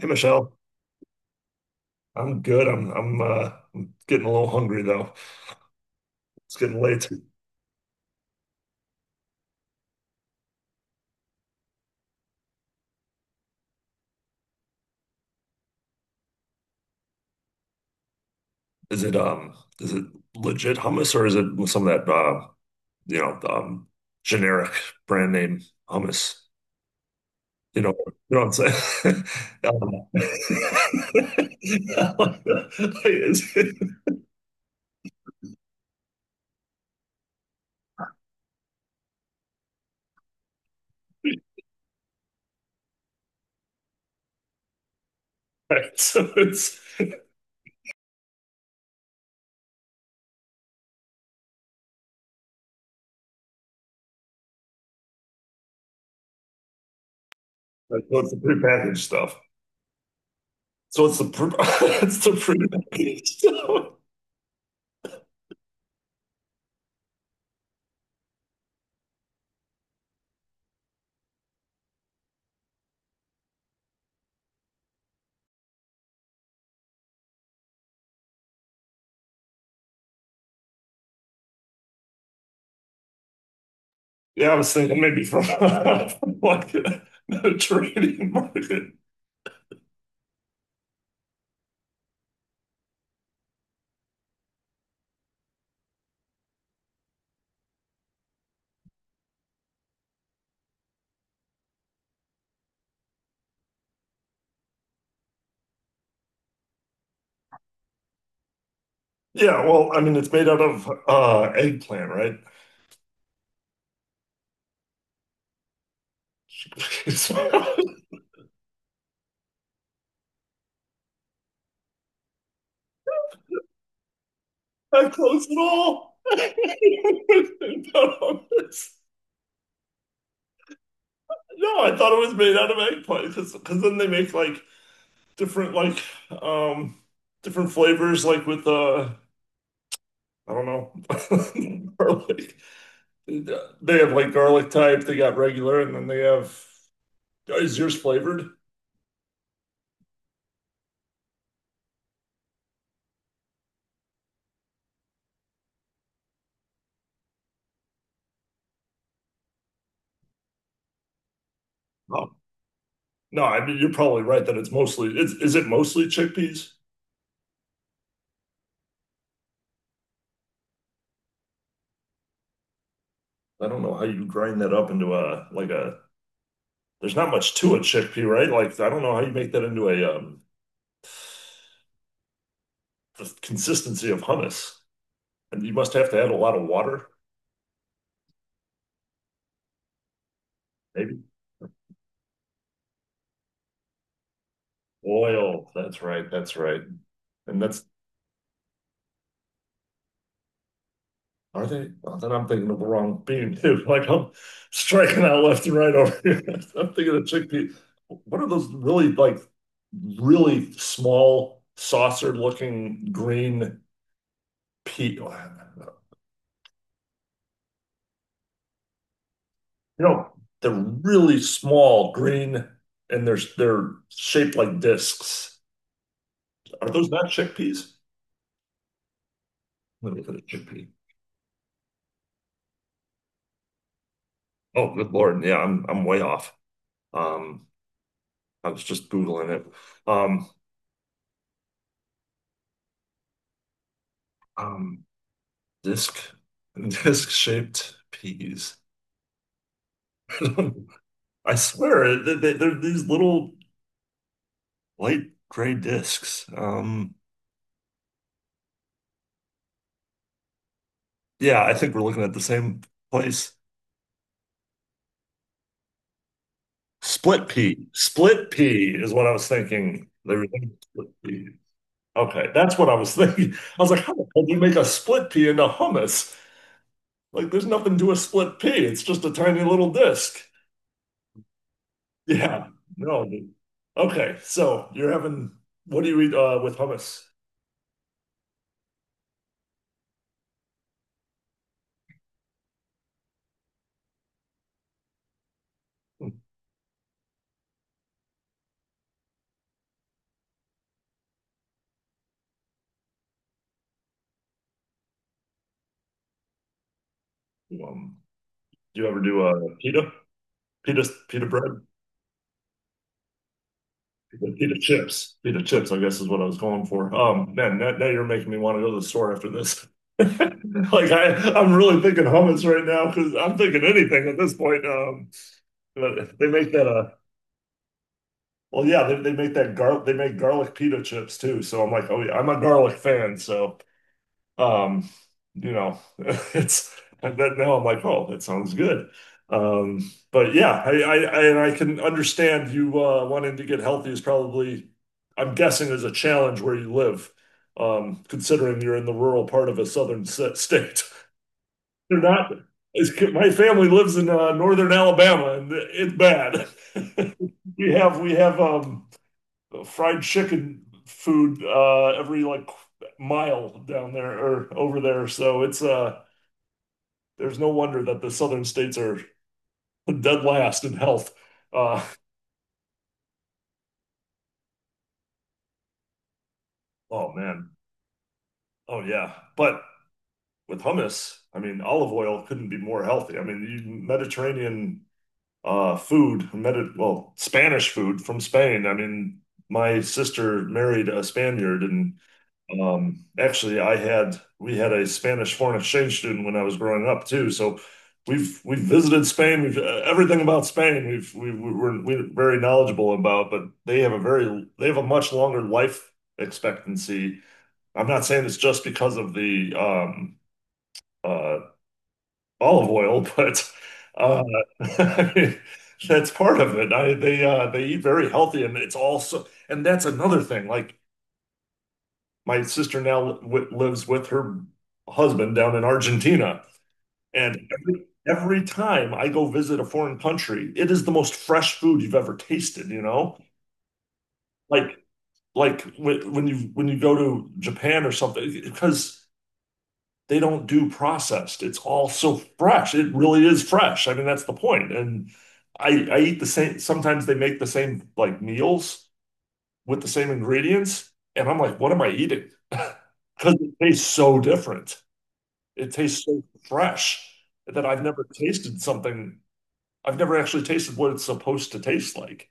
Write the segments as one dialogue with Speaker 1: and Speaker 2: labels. Speaker 1: Hey Michelle, I'm good. I'm I'm getting a little hungry though. It's getting late. Is it, is it legit hummus or is it with some of that you know um generic brand name hummus? You know you know what I'm saying? Um, like, is it- right, so it's the prepackaged stuff. So it's the pre it's the prepackaged stuff. Yeah, I was thinking maybe from from like a trading market. Yeah, well, I mean, it's made out of eggplant, right? It's not close at all. Not on this. No, I thought it was made out of eggplant because then they make different like um different flavors like with I don't know garlic. They have like garlic type. They got regular, and then they have. Oh, is yours flavored? No, I mean, you're probably right that it's mostly is it mostly chickpeas? I don't know how you grind that up into a like a there's not much to a chickpea, right? Like I don't know how you make that into a the consistency of hummus. And you must have to add a lot of water, maybe oil. That's right, that's right. And that's are they? Oh, then I'm thinking of the wrong bean too. Like I'm striking out left and right over here. I'm thinking of chickpea. What are those really small saucer looking green pea, you know, they're really small, green, and they're shaped like discs. Are those not chickpeas? Let me look at a chickpea. Oh, good Lord. Yeah, I'm way off. Um, I was just Googling it. Um, um, disc disc shaped peas. I swear they're these little light gray discs. Yeah, I think we're looking at the same place. Split pea. Split pea is what I was thinking. They were thinking split pea. Okay, that's what I was thinking. I was like, how the hell do you make a split pea into hummus? Like, there's nothing to a split pea. It's just a tiny little disc. Yeah. No, dude. Okay, so you're having what do you eat with hummus? Hmm. Um, do you ever do pita? Pita bread? Pita chips. Pita chips, I guess, is what I was going for. Man, now you're making me want to go to the store after this. Like I, I'm really thinking hummus right now because I'm thinking anything at this point. But they make that well, yeah, they make that gar they make garlic pita chips too. So I'm like, oh yeah, I'm a garlic fan, so um, you know, it's and that now I'm like, oh, that sounds good. But yeah, I and I can understand you wanting to get healthy is probably, I'm guessing, is a challenge where you live, considering you're in the rural part of a southern state. They're not, it's, my family lives in northern Alabama and it's bad. We have fried chicken food every like mile down there or over there. So it's there's no wonder that the southern states are dead last in health. Uh, oh man, oh yeah. But with hummus, I mean, olive oil couldn't be more healthy. I mean, you, Mediterranean food, Medi well, Spanish food from Spain. I mean, my sister married a Spaniard, and um, actually, I had we had a Spanish foreign exchange student when I was growing up too. So we've visited Spain. We've everything about Spain. We've we- we're very knowledgeable about. But they have a very they have a much longer life expectancy. I'm not saying it's just because of the uh, olive oil, but uh, I mean, that's part of it. They eat very healthy, and it's also and that's another thing. Like my sister now w lives with her husband down in Argentina. And every time I go visit a foreign country, it is the most fresh food you've ever tasted, you know? Like like when you go to Japan or something, because they don't do processed. It's all so fresh. It really is fresh. I mean, that's the point. And I eat the same, sometimes they make the same like meals with the same ingredients, and I'm like, what am I eating? Because it tastes so different. It tastes so fresh that I've never tasted something. I've never actually tasted what it's supposed to taste like.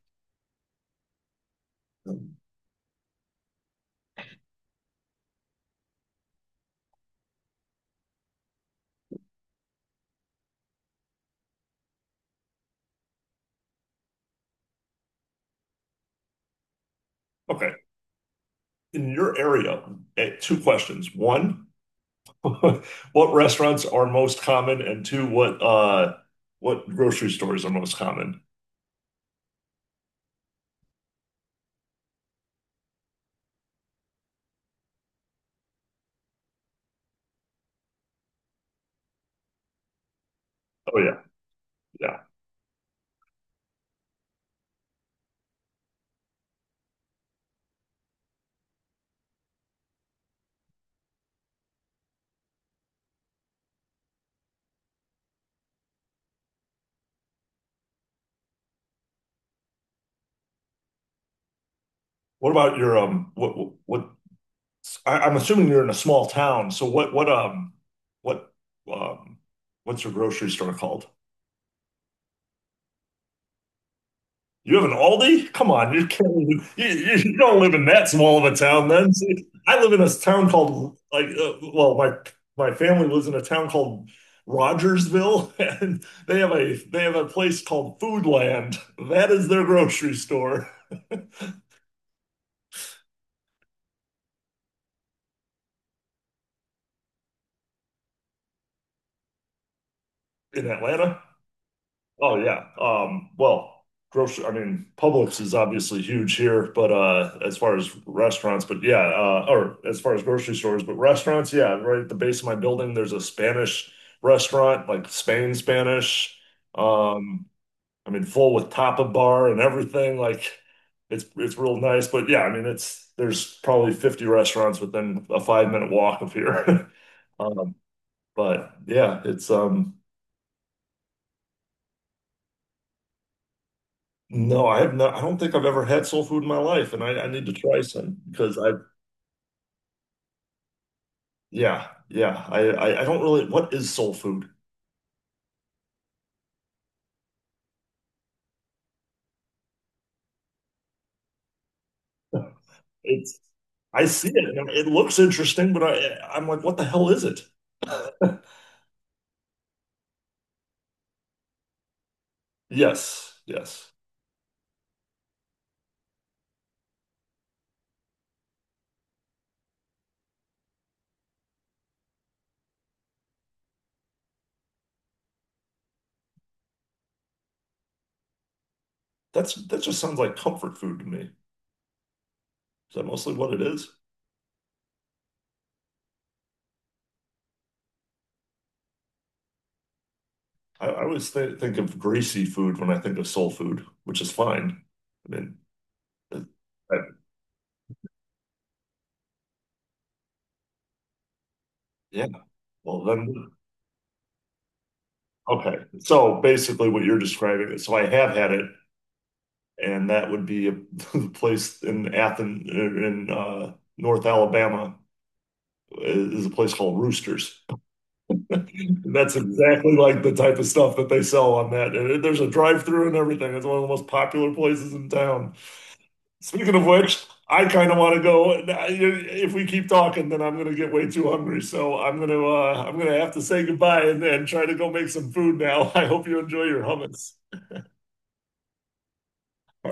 Speaker 1: Okay. In your area, eh, two questions. One, what restaurants are most common? And two, what grocery stores are most common? Oh yeah, yeah. What about your what I, I'm assuming you're in a small town, so what um what's your grocery store called? You have an Aldi? Come on, you can't. Even, you you don't live in that small of a town. Then see, I live in a town called like well, my family lives in a town called Rogersville, and they have a place called Foodland. That is their grocery store in Atlanta. Oh yeah. Well, grocery, I mean, Publix is obviously huge here, but as far as restaurants, but yeah, or as far as grocery stores, but restaurants, yeah, right at the base of my building there's a Spanish restaurant, like Spain Spanish. Um, I mean, full with tapa bar and everything, like it's real nice, but yeah, I mean, it's there's probably 50 restaurants within a 5-minute walk of here. Um, but yeah, it's no, I have not. I don't think I've ever had soul food in my life, and I need to try some because I, yeah, yeah. I don't really. What is soul food? It's. I see it. And it looks interesting, but I'm like, what the hell is it? Yes, yes. That's that just sounds like comfort food to me. Is that mostly what it is? I always th think of greasy food when I think of soul food, which is fine. I mean, uh, I- yeah. Well, then, okay. So basically, what you're describing is, so I have had it. And that would be a the place in Athens in North Alabama is a place called Roosters. That's exactly like the type of stuff that they sell on that. And there's a drive-through and everything. It's one of the most popular places in town. Speaking of which, I kind of want to go. And if we keep talking, then I'm going to get way too hungry. So I'm going to have to say goodbye and try to go make some food now. I hope you enjoy your hummus.